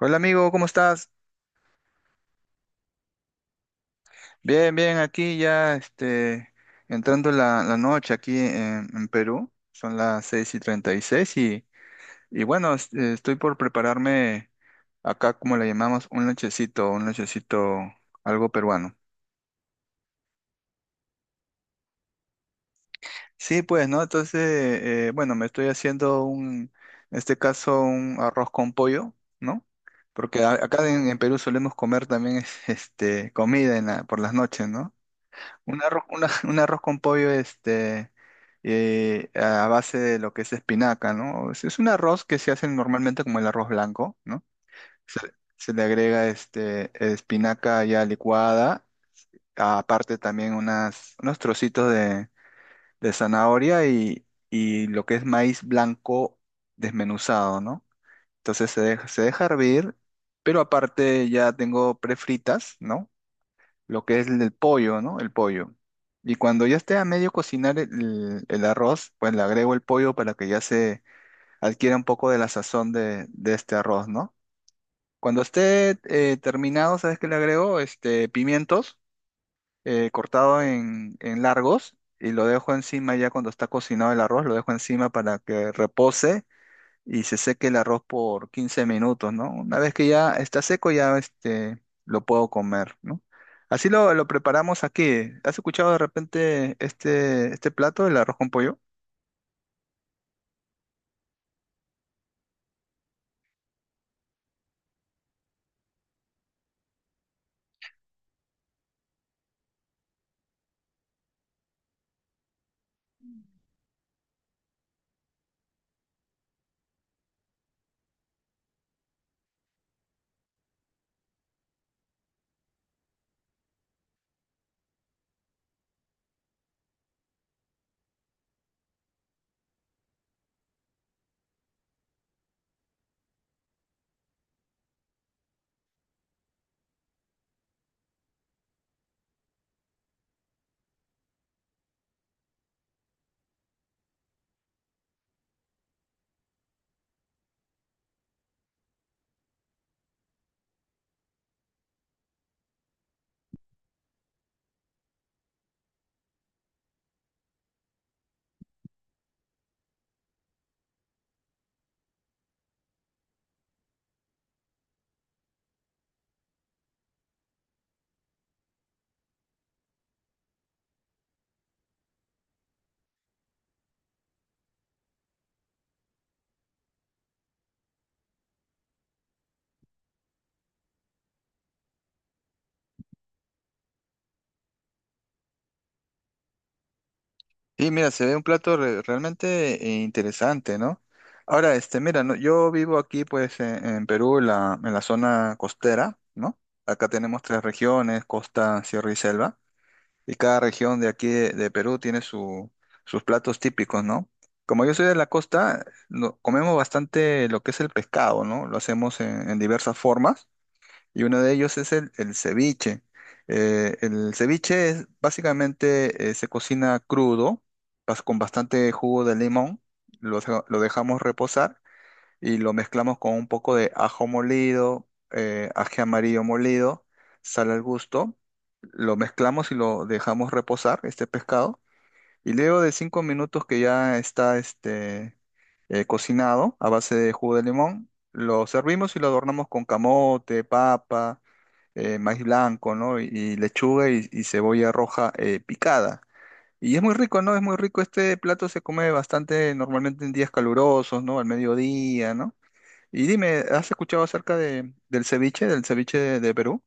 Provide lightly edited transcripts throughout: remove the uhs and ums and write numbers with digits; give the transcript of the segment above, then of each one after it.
Hola amigo, ¿cómo estás? Bien, bien, aquí ya entrando la noche aquí en Perú, son las 6 y 36 y, seis y bueno, estoy por prepararme acá, como le llamamos, un lonchecito algo peruano. Sí, pues, ¿no? Entonces, bueno, me estoy haciendo un, en este caso, un arroz con pollo, ¿no? Porque acá en Perú solemos comer también este, comida por las noches, ¿no? Un arroz, un arroz con pollo este, a base de lo que es espinaca, ¿no? Es un arroz que se hace normalmente como el arroz blanco, ¿no? Se, se le agrega este, espinaca ya licuada, aparte también unos trocitos de zanahoria y lo que es maíz blanco desmenuzado, ¿no? Entonces se deja hervir, pero aparte ya tengo prefritas, ¿no?, lo que es el pollo, ¿no? El pollo. Y cuando ya esté a medio cocinar el arroz, pues le agrego el pollo para que ya se adquiera un poco de la sazón de este arroz, ¿no? Cuando esté terminado, ¿sabes qué le agrego? Este, pimientos cortado en largos, y lo dejo encima ya cuando está cocinado el arroz, lo dejo encima para que repose y se seque el arroz por 15 minutos, ¿no? Una vez que ya está seco, ya este, lo puedo comer, ¿no? Así lo preparamos aquí. ¿Has escuchado de repente este, este plato, el arroz con pollo? Y mira, se ve un plato realmente interesante, ¿no? Ahora, este, mira, no, yo vivo aquí, pues, en Perú, en la zona costera, ¿no? Acá tenemos tres regiones: costa, sierra y selva. Y cada región de aquí de Perú tiene sus platos típicos, ¿no? Como yo soy de la costa, comemos bastante lo que es el pescado, ¿no? Lo hacemos en diversas formas, y uno de ellos es el ceviche. El ceviche es básicamente se cocina crudo, con bastante jugo de limón, lo dejamos reposar y lo mezclamos con un poco de ajo molido, ají amarillo molido, sal al gusto, lo mezclamos y lo dejamos reposar, este pescado, y luego de 5 minutos que ya está este, cocinado a base de jugo de limón, lo servimos y lo adornamos con camote, papa, maíz blanco, ¿no? Y lechuga y cebolla roja picada. Y es muy rico, ¿no? Es muy rico. Este plato se come bastante normalmente en días calurosos, ¿no? Al mediodía, ¿no? Y dime, ¿has escuchado acerca de, del ceviche de Perú?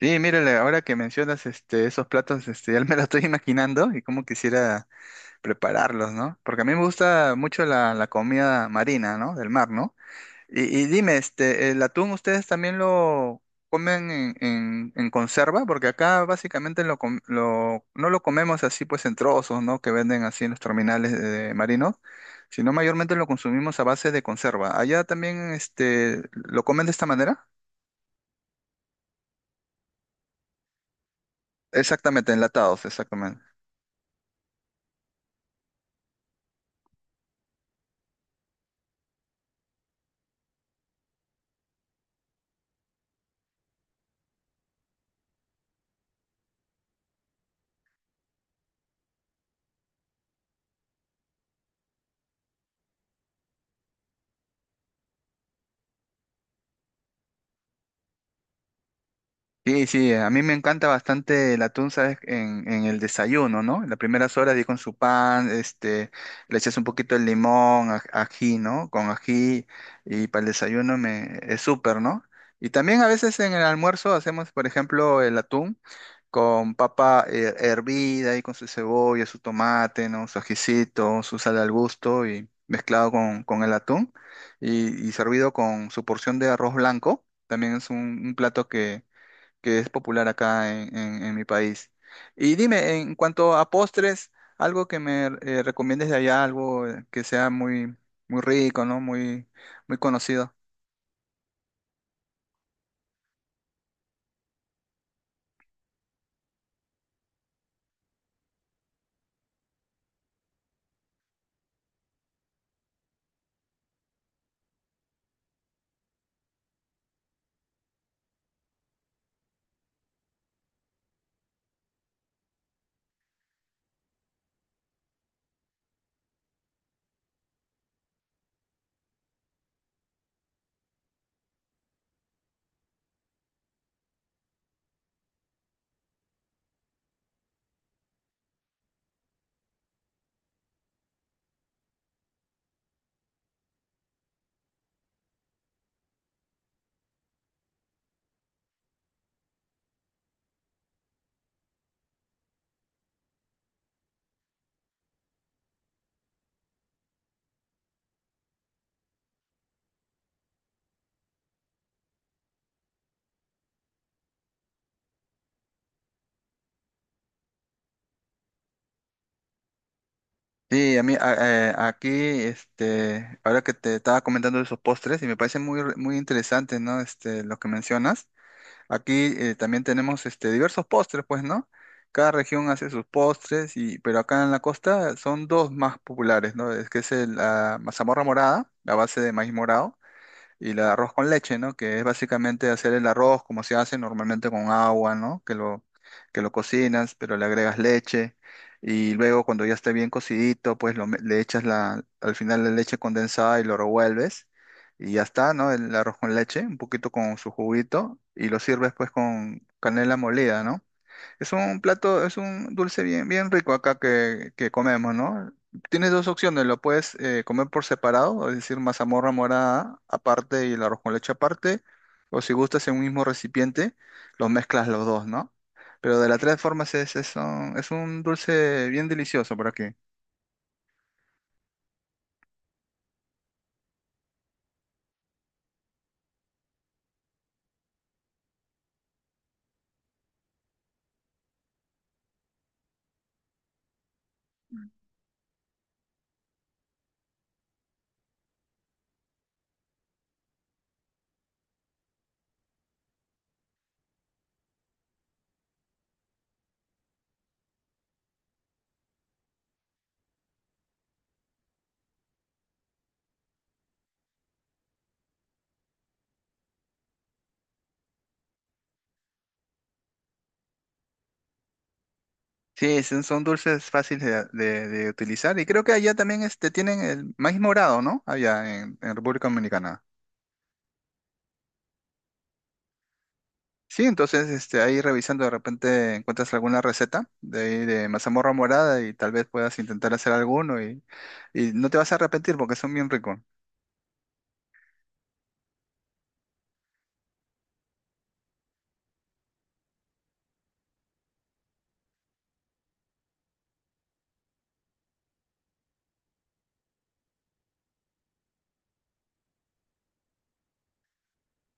Sí, mírale, ahora que mencionas este, esos platos, este, ya me lo estoy imaginando y cómo quisiera prepararlos, ¿no? Porque a mí me gusta mucho la, la comida marina, ¿no? Del mar, ¿no? Y dime, este, ¿el atún ustedes también lo comen en, en conserva? Porque acá básicamente no lo comemos así pues en trozos, ¿no? Que venden así en los terminales de marinos, sino mayormente lo consumimos a base de conserva. Allá también, este, ¿lo comen de esta manera? Exactamente, enlatados, exactamente. Sí, sí, a mí me encanta bastante el atún, ¿sabes? En el desayuno, ¿no? En las primeras horas, y con su pan, este, le echas un poquito de limón, ají, ¿no? Con ají, y para el desayuno me, es súper, ¿no? Y también a veces en el almuerzo hacemos, por ejemplo, el atún con papa hervida y con su cebolla, su tomate, ¿no? Su ajicito, su sal al gusto y mezclado con el atún y servido con su porción de arroz blanco. También es un plato que es popular acá en, en mi país. Y dime, en cuanto a postres, algo que me recomiendes de allá, algo que sea muy, muy rico, ¿no? Muy, muy conocido. Sí, aquí, este, ahora que te estaba comentando de esos postres, y me parece muy, muy interesante, ¿no? Este, lo que mencionas. Aquí también tenemos este, diversos postres, pues, ¿no? Cada región hace sus postres, y, pero acá en la costa son dos más populares, ¿no? Es que es la mazamorra morada, la base de maíz morado, y el arroz con leche, ¿no? Que es básicamente hacer el arroz como se hace normalmente con agua, ¿no? Que lo cocinas, pero le agregas leche, y luego cuando ya esté bien cocidito, pues le echas al final la leche condensada y lo revuelves, y ya está, ¿no? El arroz con leche, un poquito con su juguito, y lo sirves pues con canela molida, ¿no? Es un plato, es un dulce bien, bien rico acá que comemos, ¿no? Tienes dos opciones: lo puedes comer por separado, es decir, mazamorra morada aparte y el arroz con leche aparte, o si gustas en un mismo recipiente, los mezclas los dos, ¿no? Pero de las tres formas es un dulce bien delicioso por aquí. Sí, son, son dulces fáciles de, de utilizar, y creo que allá también este, tienen el maíz morado, ¿no? Allá en República Dominicana. Sí, entonces este, ahí revisando de repente encuentras alguna receta de ahí de mazamorra morada, y tal vez puedas intentar hacer alguno, y no te vas a arrepentir porque son bien ricos.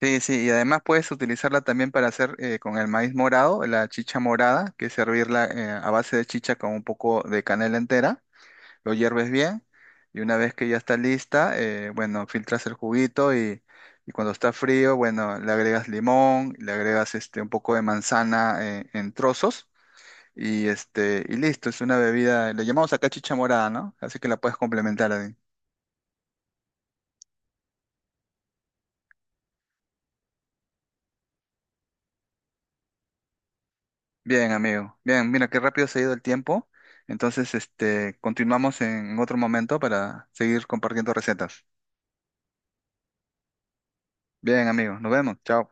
Sí, sí, y además puedes utilizarla también para hacer con el maíz morado, la chicha morada, que es servirla a base de chicha con un poco de canela entera, lo hierves bien, y una vez que ya está lista, bueno, filtras el juguito, y cuando está frío, bueno, le agregas limón, le agregas este, un poco de manzana en trozos. Y este, y listo, es una bebida, le llamamos acá chicha morada, ¿no? Así que la puedes complementar ahí. Bien, amigo. Bien, mira qué rápido se ha ido el tiempo. Entonces, este, continuamos en otro momento para seguir compartiendo recetas. Bien, amigo, nos vemos. Chao.